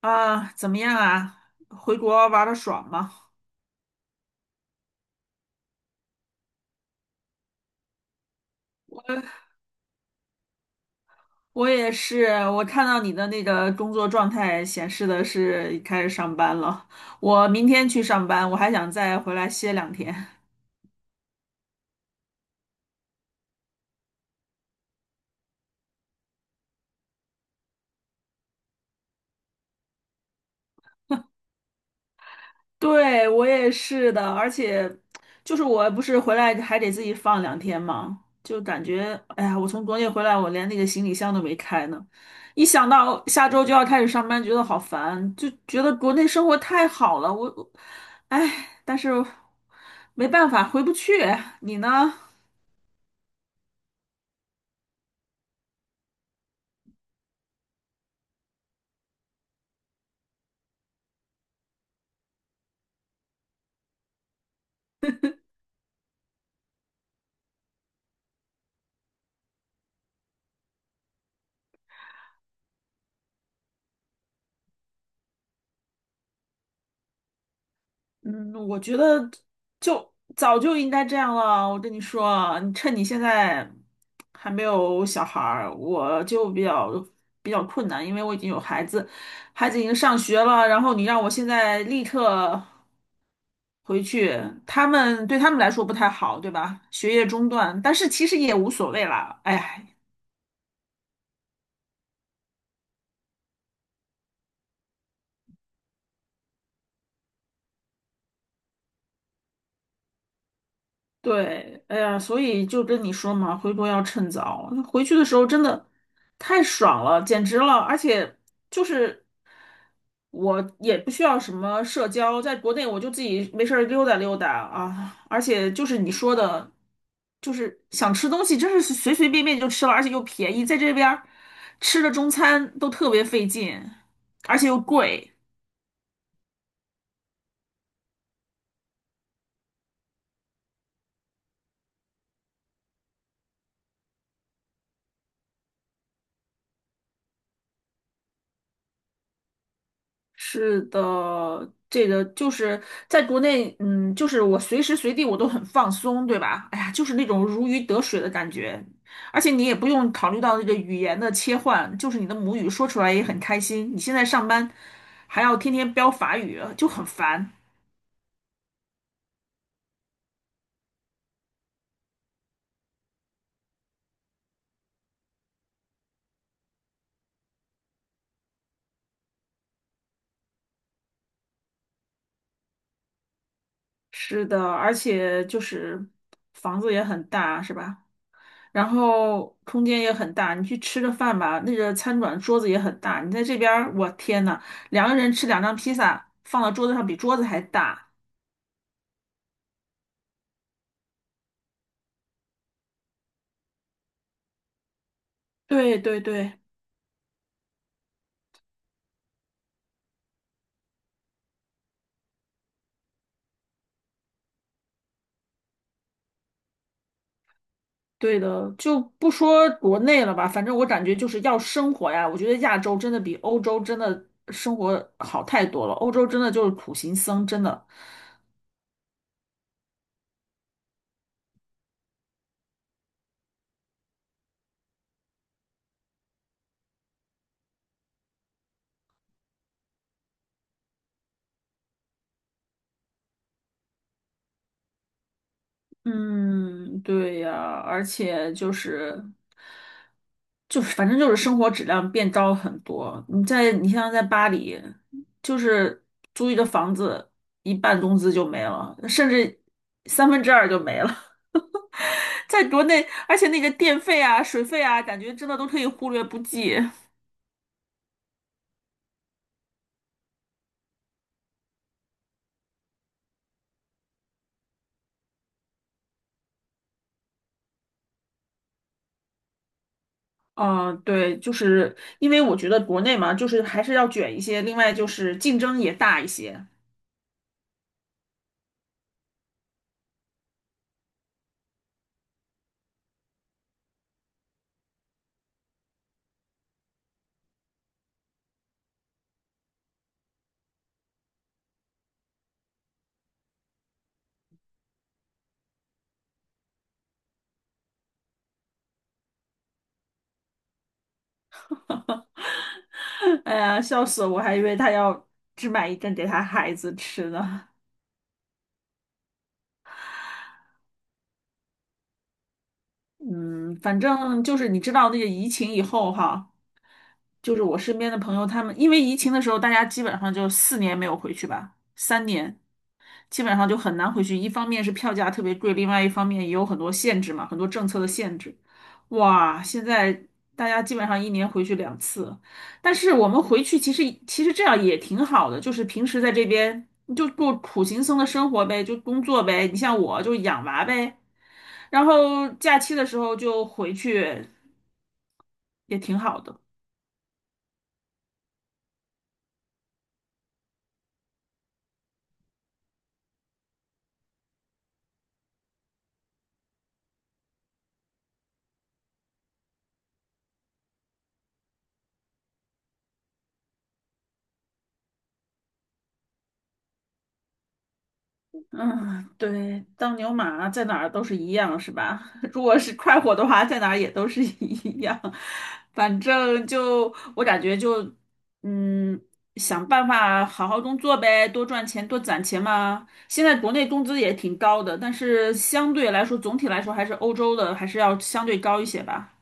啊，怎么样啊？回国玩的爽吗？我也是，我看到你的那个工作状态显示的是开始上班了。我明天去上班，我还想再回来歇两天。对，我也是的，而且就是我不是回来还得自己放两天嘛，就感觉哎呀，我从国内回来，我连那个行李箱都没开呢。一想到下周就要开始上班，觉得好烦，就觉得国内生活太好了。我哎，但是没办法，回不去。你呢？嗯，我觉得就早就应该这样了。我跟你说啊你趁你现在还没有小孩儿，我就比较困难，因为我已经有孩子，孩子已经上学了，然后你让我现在立刻回去，对他们来说不太好，对吧？学业中断，但是其实也无所谓啦。哎呀对，哎呀，所以就跟你说嘛，回国要趁早。回去的时候真的太爽了，简直了！而且就是我也不需要什么社交，在国内我就自己没事儿溜达溜达啊。而且就是你说的，就是想吃东西，真是随随便便就吃了，而且又便宜，在这边儿吃的中餐都特别费劲，而且又贵。是的，这个就是在国内，嗯，就是我随时随地我都很放松，对吧？哎呀，就是那种如鱼得水的感觉，而且你也不用考虑到这个语言的切换，就是你的母语说出来也很开心。你现在上班还要天天飙法语，就很烦。是的，而且就是房子也很大，是吧？然后空间也很大，你去吃个饭吧，那个餐馆桌子也很大。你在这边儿，我天呐，2个人吃2张披萨，放到桌子上比桌子还大。对对对，对的，就不说国内了吧，反正我感觉就是要生活呀。我觉得亚洲真的比欧洲真的生活好太多了，欧洲真的就是苦行僧，真的。嗯，对呀，而且就是，反正就是生活质量变糟很多。你像在巴黎，就是租一个房子，一半工资就没了，甚至2/3就没了。在国内，而且那个电费啊、水费啊，感觉真的都可以忽略不计。嗯，对，就是因为我觉得国内嘛，就是还是要卷一些，另外就是竞争也大一些。哎呀，笑死我！我还以为他要只买一针给他孩子吃呢。嗯，反正就是你知道那个疫情以后哈，就是我身边的朋友他们，因为疫情的时候，大家基本上就4年没有回去吧，3年。基本上就很难回去。一方面是票价特别贵，另外一方面也有很多限制嘛，很多政策的限制。哇，现在大家基本上一年回去两次，但是我们回去其实这样也挺好的，就是平时在这边你就过苦行僧的生活呗，就工作呗。你像我就养娃呗，然后假期的时候就回去，也挺好的。嗯，对，当牛马在哪儿都是一样，是吧？如果是快活的话，在哪儿也都是 一样。反正就我感觉就，嗯，想办法好好工作呗，多赚钱，多攒钱嘛。现在国内工资也挺高的，但是相对来说，总体来说还是欧洲的还是要相对高一些吧。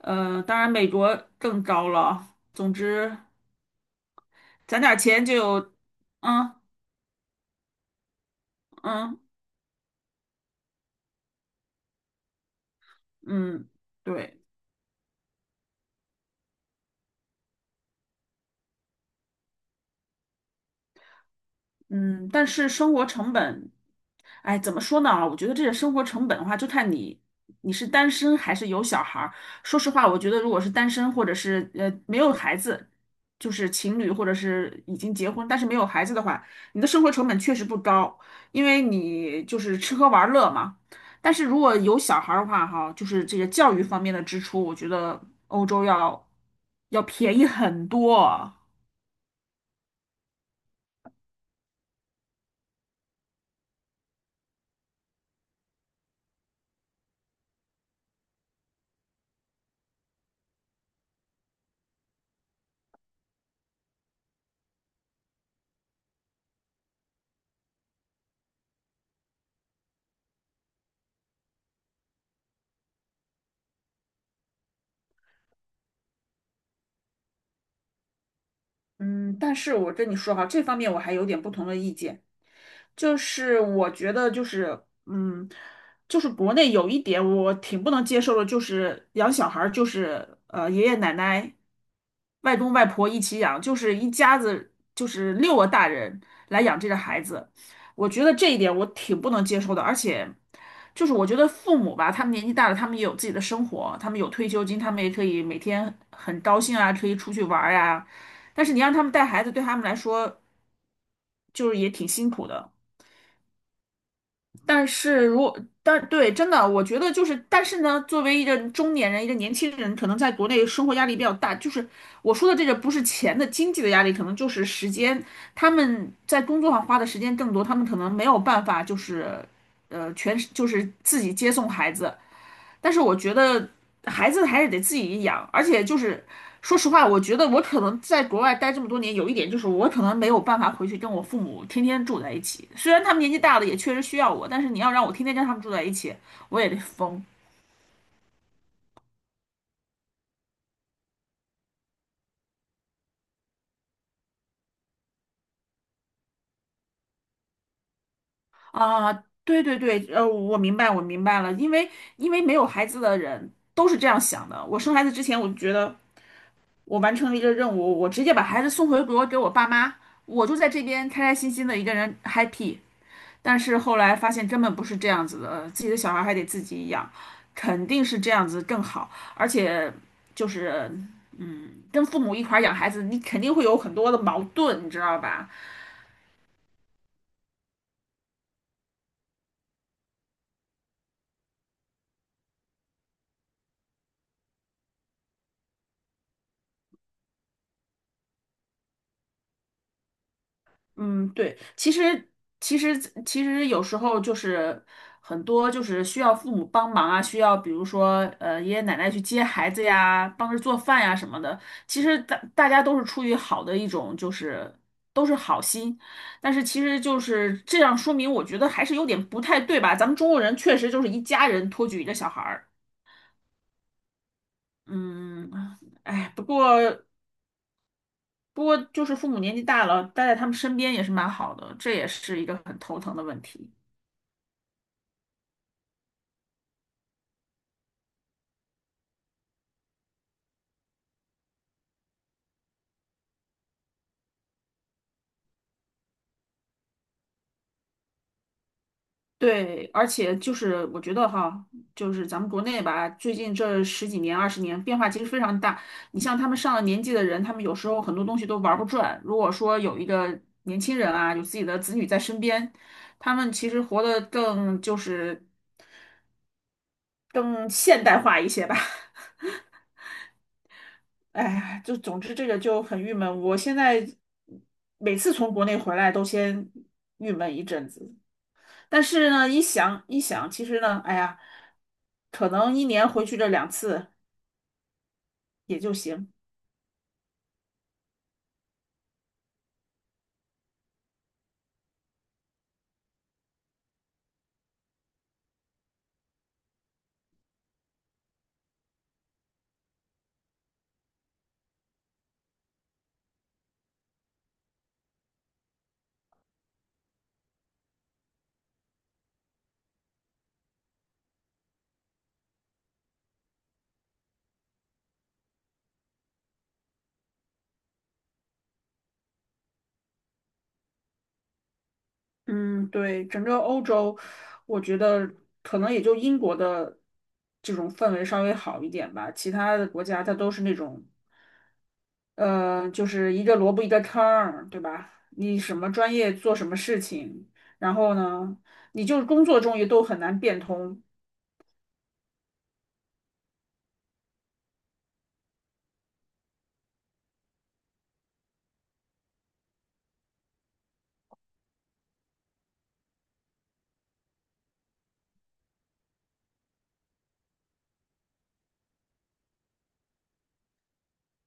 当然美国更高了。总之，攒点儿钱就有，嗯嗯嗯，对。嗯，但是生活成本，哎，怎么说呢？我觉得这个生活成本的话，就看你是单身还是有小孩儿。说实话，我觉得如果是单身或者是没有孩子，就是情侣或者是已经结婚但是没有孩子的话，你的生活成本确实不高，因为你就是吃喝玩乐嘛。但是如果有小孩儿的话，哈，就是这个教育方面的支出，我觉得欧洲要便宜很多。嗯，但是我跟你说哈，这方面我还有点不同的意见，就是我觉得就是，嗯，就是国内有一点我挺不能接受的，就是养小孩儿就是爷爷奶奶、外公外婆一起养，就是一家子就是6个大人来养这个孩子，我觉得这一点我挺不能接受的，而且就是我觉得父母吧，他们年纪大了，他们也有自己的生活，他们有退休金，他们也可以每天很高兴啊，可以出去玩儿呀、但是你让他们带孩子，对他们来说就是也挺辛苦的。但是如果，但对，真的，我觉得就是，但是呢，作为一个中年人，一个年轻人，可能在国内生活压力比较大。就是我说的这个，不是钱的经济的压力，可能就是时间，他们在工作上花的时间更多，他们可能没有办法，就是，全就是自己接送孩子。但是我觉得孩子还是得自己养，而且就是说实话，我觉得我可能在国外待这么多年，有一点就是我可能没有办法回去跟我父母天天住在一起。虽然他们年纪大了，也确实需要我，但是你要让我天天跟他们住在一起，我也得疯啊！对对对，我明白，我明白了，因为没有孩子的人都是这样想的。我生孩子之前，我就觉得我完成了一个任务，我直接把孩子送回国给我爸妈，我就在这边开开心心的一个人 happy。但是后来发现根本不是这样子的，自己的小孩还得自己养，肯定是这样子更好，而且就是嗯，跟父母一块儿养孩子，你肯定会有很多的矛盾，你知道吧？嗯，对，其实其实有时候就是很多就是需要父母帮忙啊，需要比如说爷爷奶奶去接孩子呀，帮着做饭呀什么的。其实大家都是出于好的一种就是都是好心，但是其实就是这样说明，我觉得还是有点不太对吧？咱们中国人确实就是一家人托举一个小孩儿，嗯，哎，不过，就是父母年纪大了，待在他们身边也是蛮好的，这也是一个很头疼的问题。对，而且就是我觉得哈，就是咱们国内吧，最近这十几年、20年变化其实非常大。你像他们上了年纪的人，他们有时候很多东西都玩不转。如果说有一个年轻人啊，有自己的子女在身边，他们其实活得更就是更现代化一些吧。哎呀，就总之这个就很郁闷。我现在每次从国内回来都先郁闷一阵子。但是呢，一想一想，其实呢，哎呀，可能一年回去这两次也就行。嗯，对，整个欧洲，我觉得可能也就英国的这种氛围稍微好一点吧，其他的国家它都是那种，就是一个萝卜一个坑儿，对吧？你什么专业做什么事情，然后呢，你就工作中也都很难变通。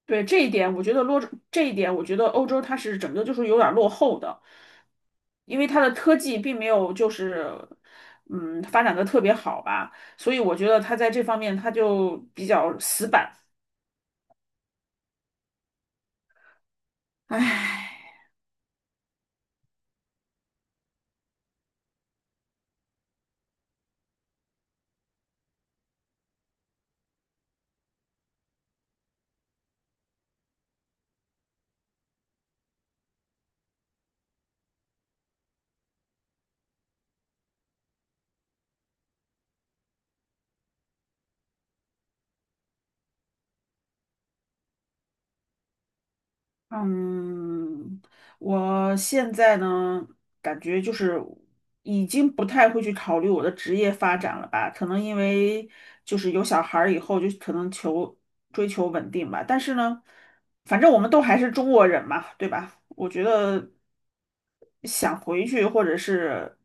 对，这一点，我觉得欧洲它是整个就是有点儿落后的，因为它的科技并没有就是嗯发展的特别好吧，所以我觉得它在这方面它就比较死板，唉。嗯，我现在呢，感觉就是已经不太会去考虑我的职业发展了吧，可能因为就是有小孩儿以后，就可能追求稳定吧。但是呢，反正我们都还是中国人嘛，对吧？我觉得想回去，或者是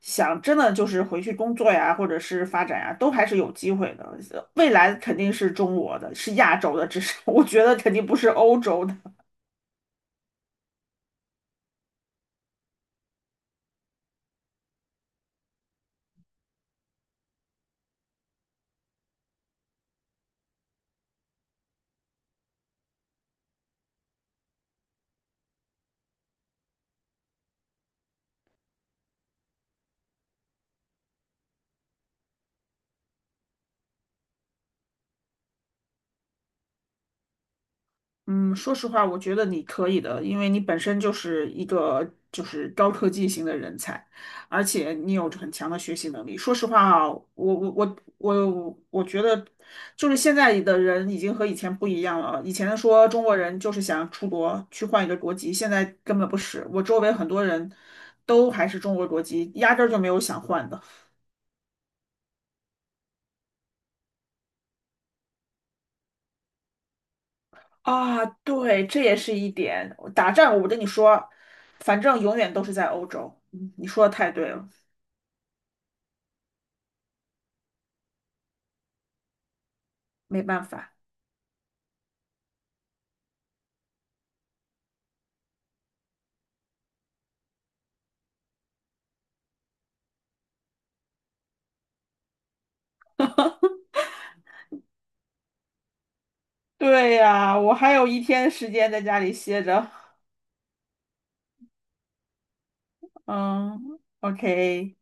想真的就是回去工作呀，或者是发展呀，都还是有机会的。未来肯定是中国的，是亚洲的，至少 我觉得肯定不是欧洲的。嗯，说实话，我觉得你可以的，因为你本身就是一个就是高科技型的人才，而且你有很强的学习能力。说实话啊，我觉得，就是现在的人已经和以前不一样了。以前说中国人就是想出国去换一个国籍，现在根本不是。我周围很多人都还是中国国籍，压根儿就没有想换的。啊，对，这也是一点。打仗，我跟你说，反正永远都是在欧洲。嗯你说的太对了。没办法。对呀，我还有一天时间在家里歇着。嗯，OK。